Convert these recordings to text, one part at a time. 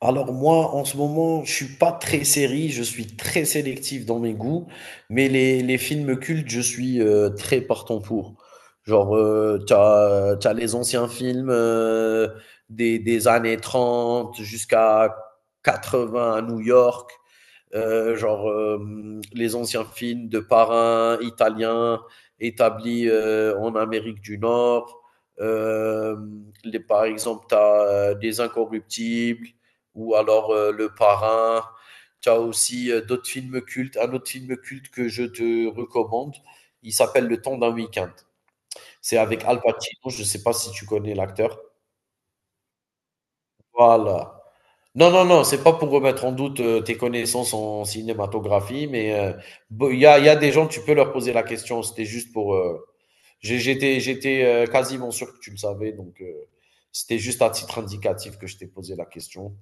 Alors moi, en ce moment, je suis pas très série, je suis très sélectif dans mes goûts, mais les films cultes, je suis très partant pour. Genre, t'as les anciens films des années 30 jusqu'à 80 à New York, les anciens films de parrains italiens établis en Amérique du Nord. Euh, Par exemple, tu as Les Incorruptibles ou alors Le Parrain. Tu as aussi d'autres films cultes. Un autre film culte que je te recommande, il s'appelle Le Temps d'un week-end. C'est avec Al Pacino, je ne sais pas si tu connais l'acteur. Voilà. Non, non, non, c'est pas pour remettre en doute, tes connaissances en cinématographie, mais, bo il y a des gens, tu peux leur poser la question. C'était juste pour, j'étais, quasiment sûr que tu le savais, donc c'était juste à titre indicatif que je t'ai posé la question.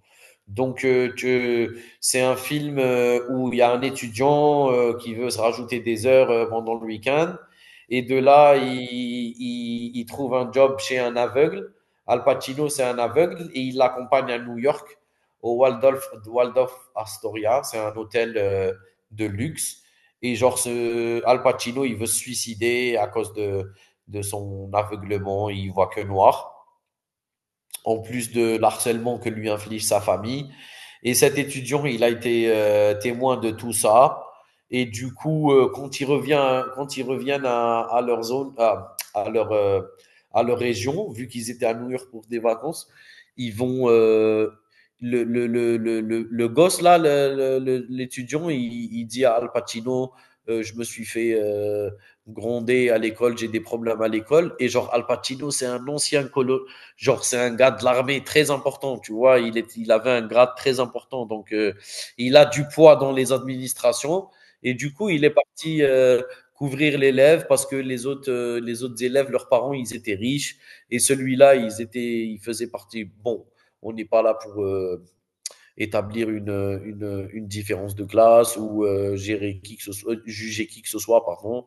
Donc, c'est un film où il y a un étudiant qui veut se rajouter des heures pendant le week-end. Et de là, trouve un job chez un aveugle. Al Pacino, c'est un aveugle et il l'accompagne à New York, au Waldorf, Waldorf Astoria. C'est un hôtel de luxe. Et genre, Al Pacino, il veut se suicider à cause de son aveuglement, il voit que noir, en plus de l'harcèlement que lui inflige sa famille. Et cet étudiant, il a été témoin de tout ça. Et du coup, quand ils reviennent, à leur zone, à leur région, vu qu'ils étaient à New York pour des vacances, ils vont. Le gosse, là, l'étudiant, il dit à Al Pacino, je me suis fait gronder à l'école, j'ai des problèmes à l'école. Et genre, Al Pacino, c'est un genre, c'est un gars de l'armée très important, tu vois. Il avait un grade très important. Donc, il a du poids dans les administrations. Et du coup, il est parti couvrir l'élève parce que les autres élèves, leurs parents, ils étaient riches. Et celui-là, ils faisaient partie. Bon, on n'est pas là pour. Établir une différence de classe ou gérer qui que ce soit, juger qui que ce soit, pardon.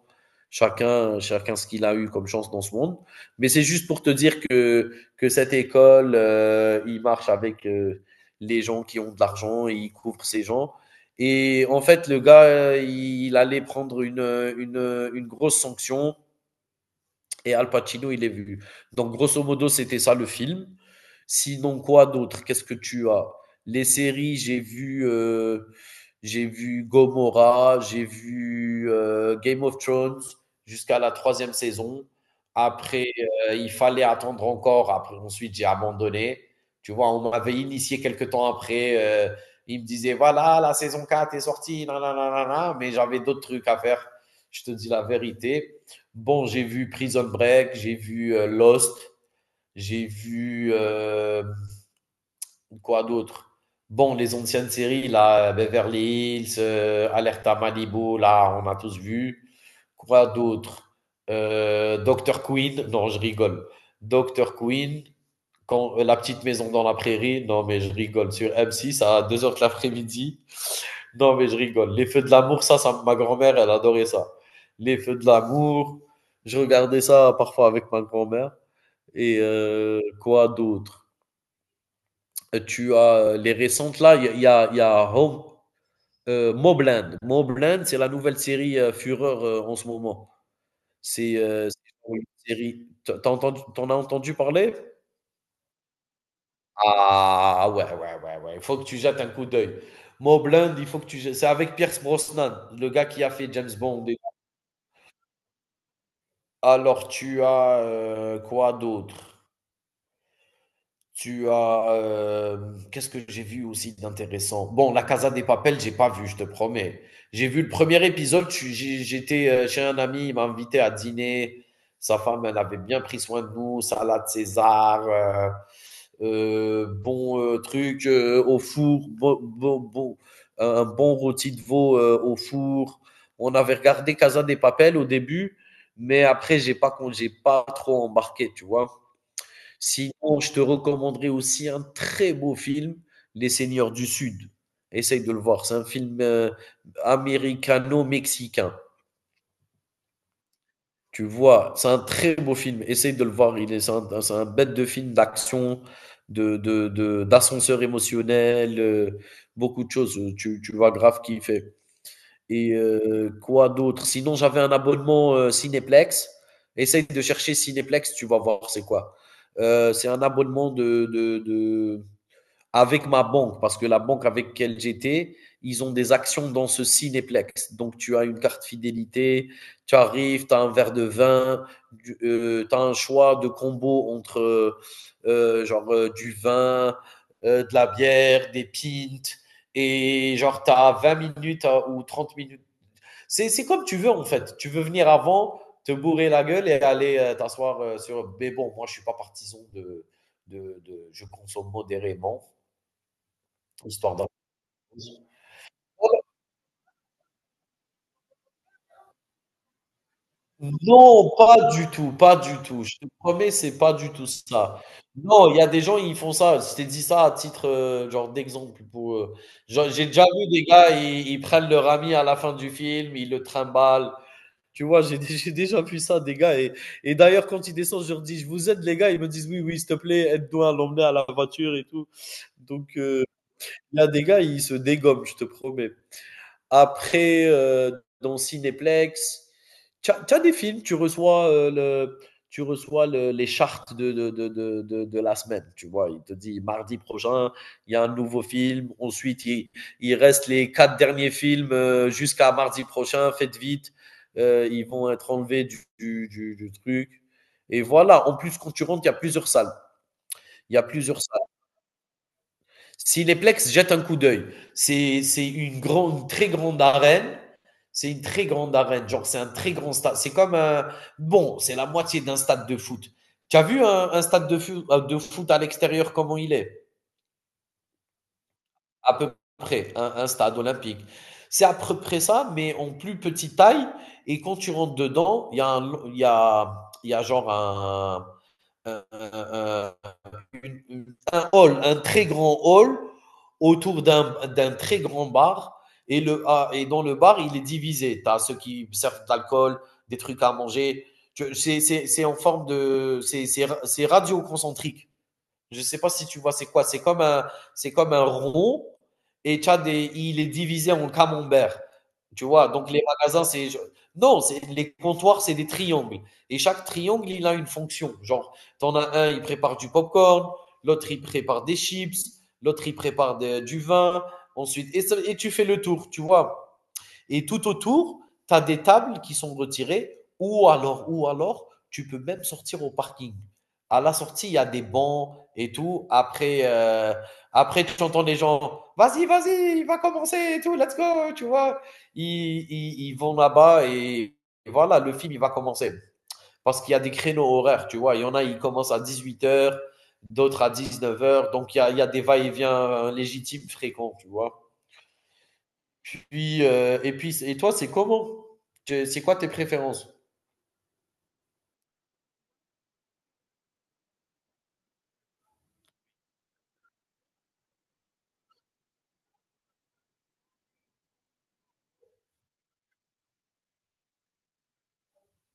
Chacun ce qu'il a eu comme chance dans ce monde. Mais c'est juste pour te dire que cette école, il marche avec les gens qui ont de l'argent et il couvre ces gens. Et en fait, le gars, allait prendre une grosse sanction, et Al Pacino, il est vu. Donc, grosso modo, c'était ça le film. Sinon, quoi d'autre? Qu'est-ce que tu as? Les séries, j'ai vu Gomorrah, j'ai vu Game of Thrones jusqu'à la troisième saison. Après, il fallait attendre encore. Après, ensuite, j'ai abandonné. Tu vois, on m'avait initié quelques temps après. Il me disait, voilà, la saison 4 est sortie, nanana, nanana, mais j'avais d'autres trucs à faire. Je te dis la vérité. Bon, j'ai vu Prison Break, j'ai vu Lost, j'ai vu quoi d'autre? Bon, les anciennes séries, là, Beverly Hills, Alerta Malibu, là, on a tous vu. Quoi d'autre? Dr. Queen, non, je rigole. Dr. Queen, quand, La Petite Maison dans la Prairie, non, mais je rigole. Sur M6 à deux heures de l'après-midi, non, mais je rigole. Les feux de l'amour, ma grand-mère, elle adorait ça. Les feux de l'amour, je regardais ça parfois avec ma grand-mère. Et quoi d'autre? Tu as les récentes là, il y a, il y a Home, Mobland. Mobland, c'est la nouvelle série Fureur en ce moment. C'est une série. T'as entendu, t'en as entendu parler? Ah ouais, ouais, ouais, ouais. Il faut que tu jettes un coup d'œil. Mobland, il faut que tu jettes. C'est avec Pierce Brosnan, le gars qui a fait James Bond. Alors, tu as, quoi d'autre? Tu as, qu'est-ce que j'ai vu aussi d'intéressant? Bon, La Casa des Papel, j'ai pas vu, je te promets. J'ai vu le premier épisode, je suis j'ai j'étais, chez un ami, il m'a invité à dîner. Sa femme, elle avait bien pris soin de nous, salade César, bon truc au four, un bon rôti de veau au four. On avait regardé Casa des Papel au début, mais après, j'ai pas trop embarqué, tu vois. Sinon, je te recommanderais aussi un très beau film, Les Seigneurs du Sud. Essaye de le voir. C'est un film américano-mexicain. Tu vois, c'est un très beau film. Essaye de le voir. C'est un, c'est un bête de film d'action, d'ascenseur émotionnel, beaucoup de choses. Tu vas grave kiffer. Et quoi d'autre? Sinon, j'avais un abonnement Cinéplex. Essaye de chercher Cinéplex, tu vas voir c'est quoi. C'est un abonnement avec ma banque, parce que la banque avec laquelle j'étais, ils ont des actions dans ce cinéplex. Donc, tu as une carte fidélité, tu arrives, tu as un verre de vin, tu as un choix de combo entre du vin, de la bière, des pintes, et genre tu as 20 minutes ou 30 minutes. C'est comme tu veux en fait. Tu veux venir avant, te bourrer la gueule et aller t'asseoir sur. Mais bon, moi je ne suis pas partisan de je consomme modérément. Histoire d'un. Non, pas du tout, pas du tout. Je te promets, c'est pas du tout ça. Non, il y a des gens, ils font ça. Je t'ai dit ça à titre genre d'exemple, pour, genre, j'ai déjà vu des gars, ils prennent leur ami à la fin du film, ils le trimballent. Tu vois, j'ai déjà vu ça, des gars. Et d'ailleurs, quand ils descendent, je leur dis, je vous aide, les gars. Ils me disent, oui, oui, s'il te plaît, aide-nous à l'emmener à la voiture et tout. Donc, il y a des gars, ils se dégomment, je te promets. Après, dans Cinéplex, tu as des films, tu reçois, le tu reçois le les chartes de la semaine, tu vois? Il te dit: «Mardi prochain, il y a un nouveau film». Ensuite, il reste les 4 derniers films, jusqu'à mardi prochain, faites vite, ils vont être enlevés du truc, et voilà. En plus, quand tu rentres, il y a plusieurs salles. Il y a plusieurs salles. Si les Plex jettent un coup d'œil, c'est une, grande, une très grande arène. C'est une très grande arène. Genre, c'est un très grand stade. C'est comme un. Bon, c'est la moitié d'un stade de foot. Tu as vu un stade de foot à l'extérieur, comment il est. À peu près, un stade olympique. C'est à peu près ça, mais en plus petite taille. Et quand tu rentres dedans, il y a, il y a genre un, un- un- un hall, un très grand hall autour d'un très grand bar. Et, le, ah, et dans le bar, il est divisé. Tu as ceux qui servent de l'alcool, des trucs à manger. C'est en forme de. C'est radio concentrique. Je ne sais pas si tu vois c'est quoi. C'est comme un rond, et tu as des, il est divisé en camembert. Tu vois, donc les magasins, c'est. Non, les comptoirs, c'est des triangles. Et chaque triangle, il a une fonction. Genre, t'en as un, il prépare du popcorn, l'autre, il prépare des chips, l'autre, du vin, ensuite. Et, et tu fais le tour, tu vois. Et tout autour, tu as des tables qui sont retirées, ou alors, tu peux même sortir au parking. À la sortie, il y a des bancs et tout. Après, après tu entends les gens, vas-y, vas-y, il va commencer et tout, let's go, tu vois. Ils vont là-bas et voilà, le film, il va commencer. Parce qu'il y a des créneaux horaires, tu vois. Il y en a, ils commencent à 18 heures, d'autres à 19 heures. Donc, il y a des va-et-vient légitimes, fréquents, tu vois. Puis, et puis, et toi, c'est comment? Tu c'est quoi tes préférences?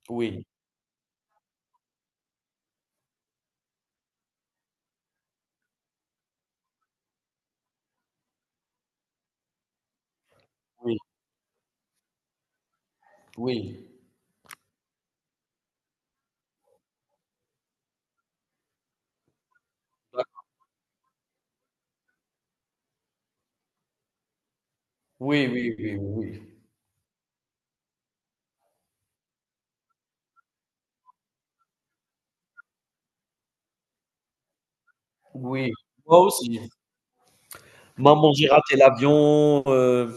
Oui, oui, oui. Bah, oui, oui, oui, oui, oui. Moi aussi. Maman, j'ai raté l'avion,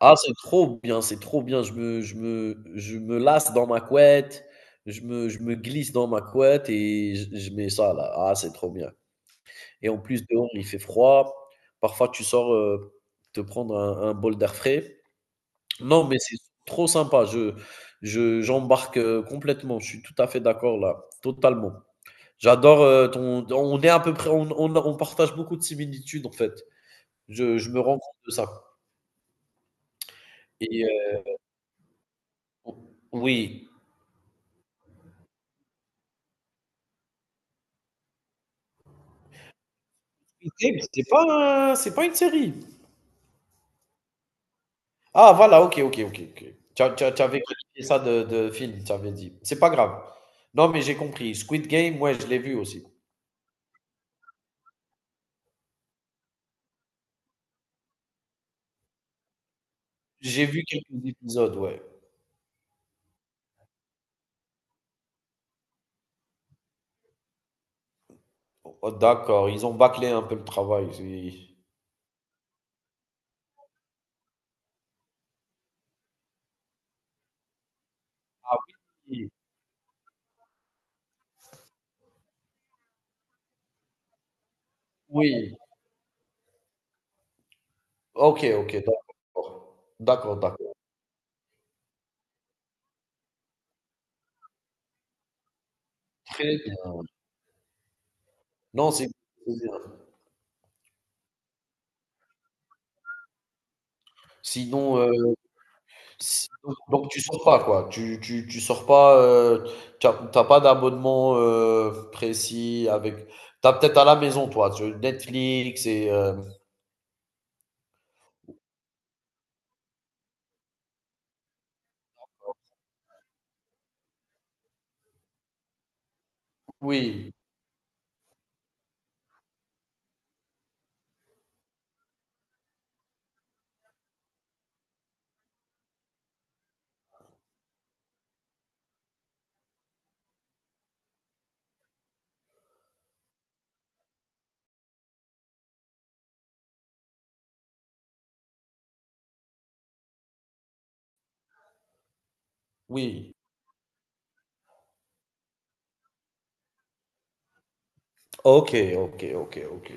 ah, c'est trop bien, c'est trop bien. Je me lasse dans ma couette, je me glisse dans ma couette et je mets ça là. Ah, c'est trop bien, et en plus, dehors, il fait froid. Parfois, tu sors, te prendre un bol d'air frais. Non, mais c'est trop sympa. Je j'embarque, complètement. Je suis tout à fait d'accord là, totalement. J'adore, ton on est à peu près on partage beaucoup de similitudes en fait. Je me rends compte de ça et o oui. Wicked, c'est pas un, c'est pas une série? Ah voilà, OK, OK, OK, OK. Tu avais qualifié ça de film, tu avais dit. C'est pas grave. Non, mais j'ai compris. Squid Game, ouais, je l'ai vu aussi. J'ai vu quelques épisodes, ouais. Oh d'accord, ils ont bâclé un peu le travail, c'est. Ah oui, oui. OK, OK, d'accord. D'accord, d'accord. Très bien. Non, c'est bien. Sinon, si donc donc tu sors pas quoi? Tu sors pas, tu as pas d'abonnement, précis avec t'as peut-être à la maison toi, tu Netflix et hem oui, oui. Ok, ok, ok, ok.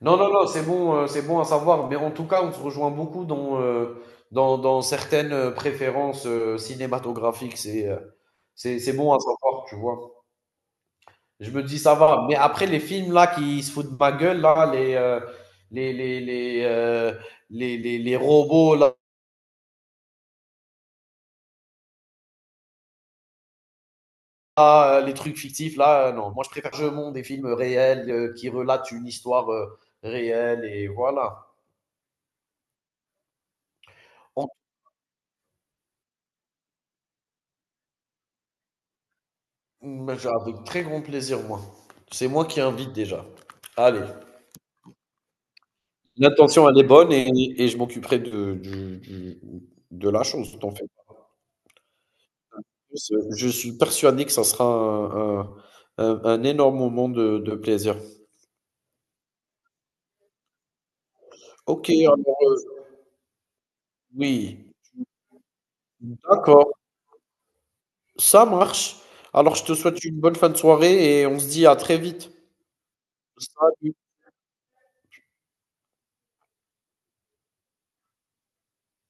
Non, non, non, c'est bon à savoir. Mais en tout cas, on se rejoint beaucoup dans, dans certaines préférences cinématographiques. C'est bon à savoir, tu vois. Je me dis, ça va. Mais après, les films là qui se foutent de ma gueule, là, les, les, les robots, là, les trucs fictifs, là, non. Moi, je préfère jeu monde des films réels qui relatent une histoire réelle, et voilà. Mmh, bah, je avec très grand plaisir, moi. C'est moi qui invite déjà. Allez, l'intention, elle est bonne, et je m'occuperai de du de la chose, t'en fais pas plus, je suis persuadé que ça sera un un énorme moment de plaisir. OK, alors, heu, oui, d'accord, ça marche. Alors je te souhaite une bonne fin de soirée et on se dit à très vite. Salut.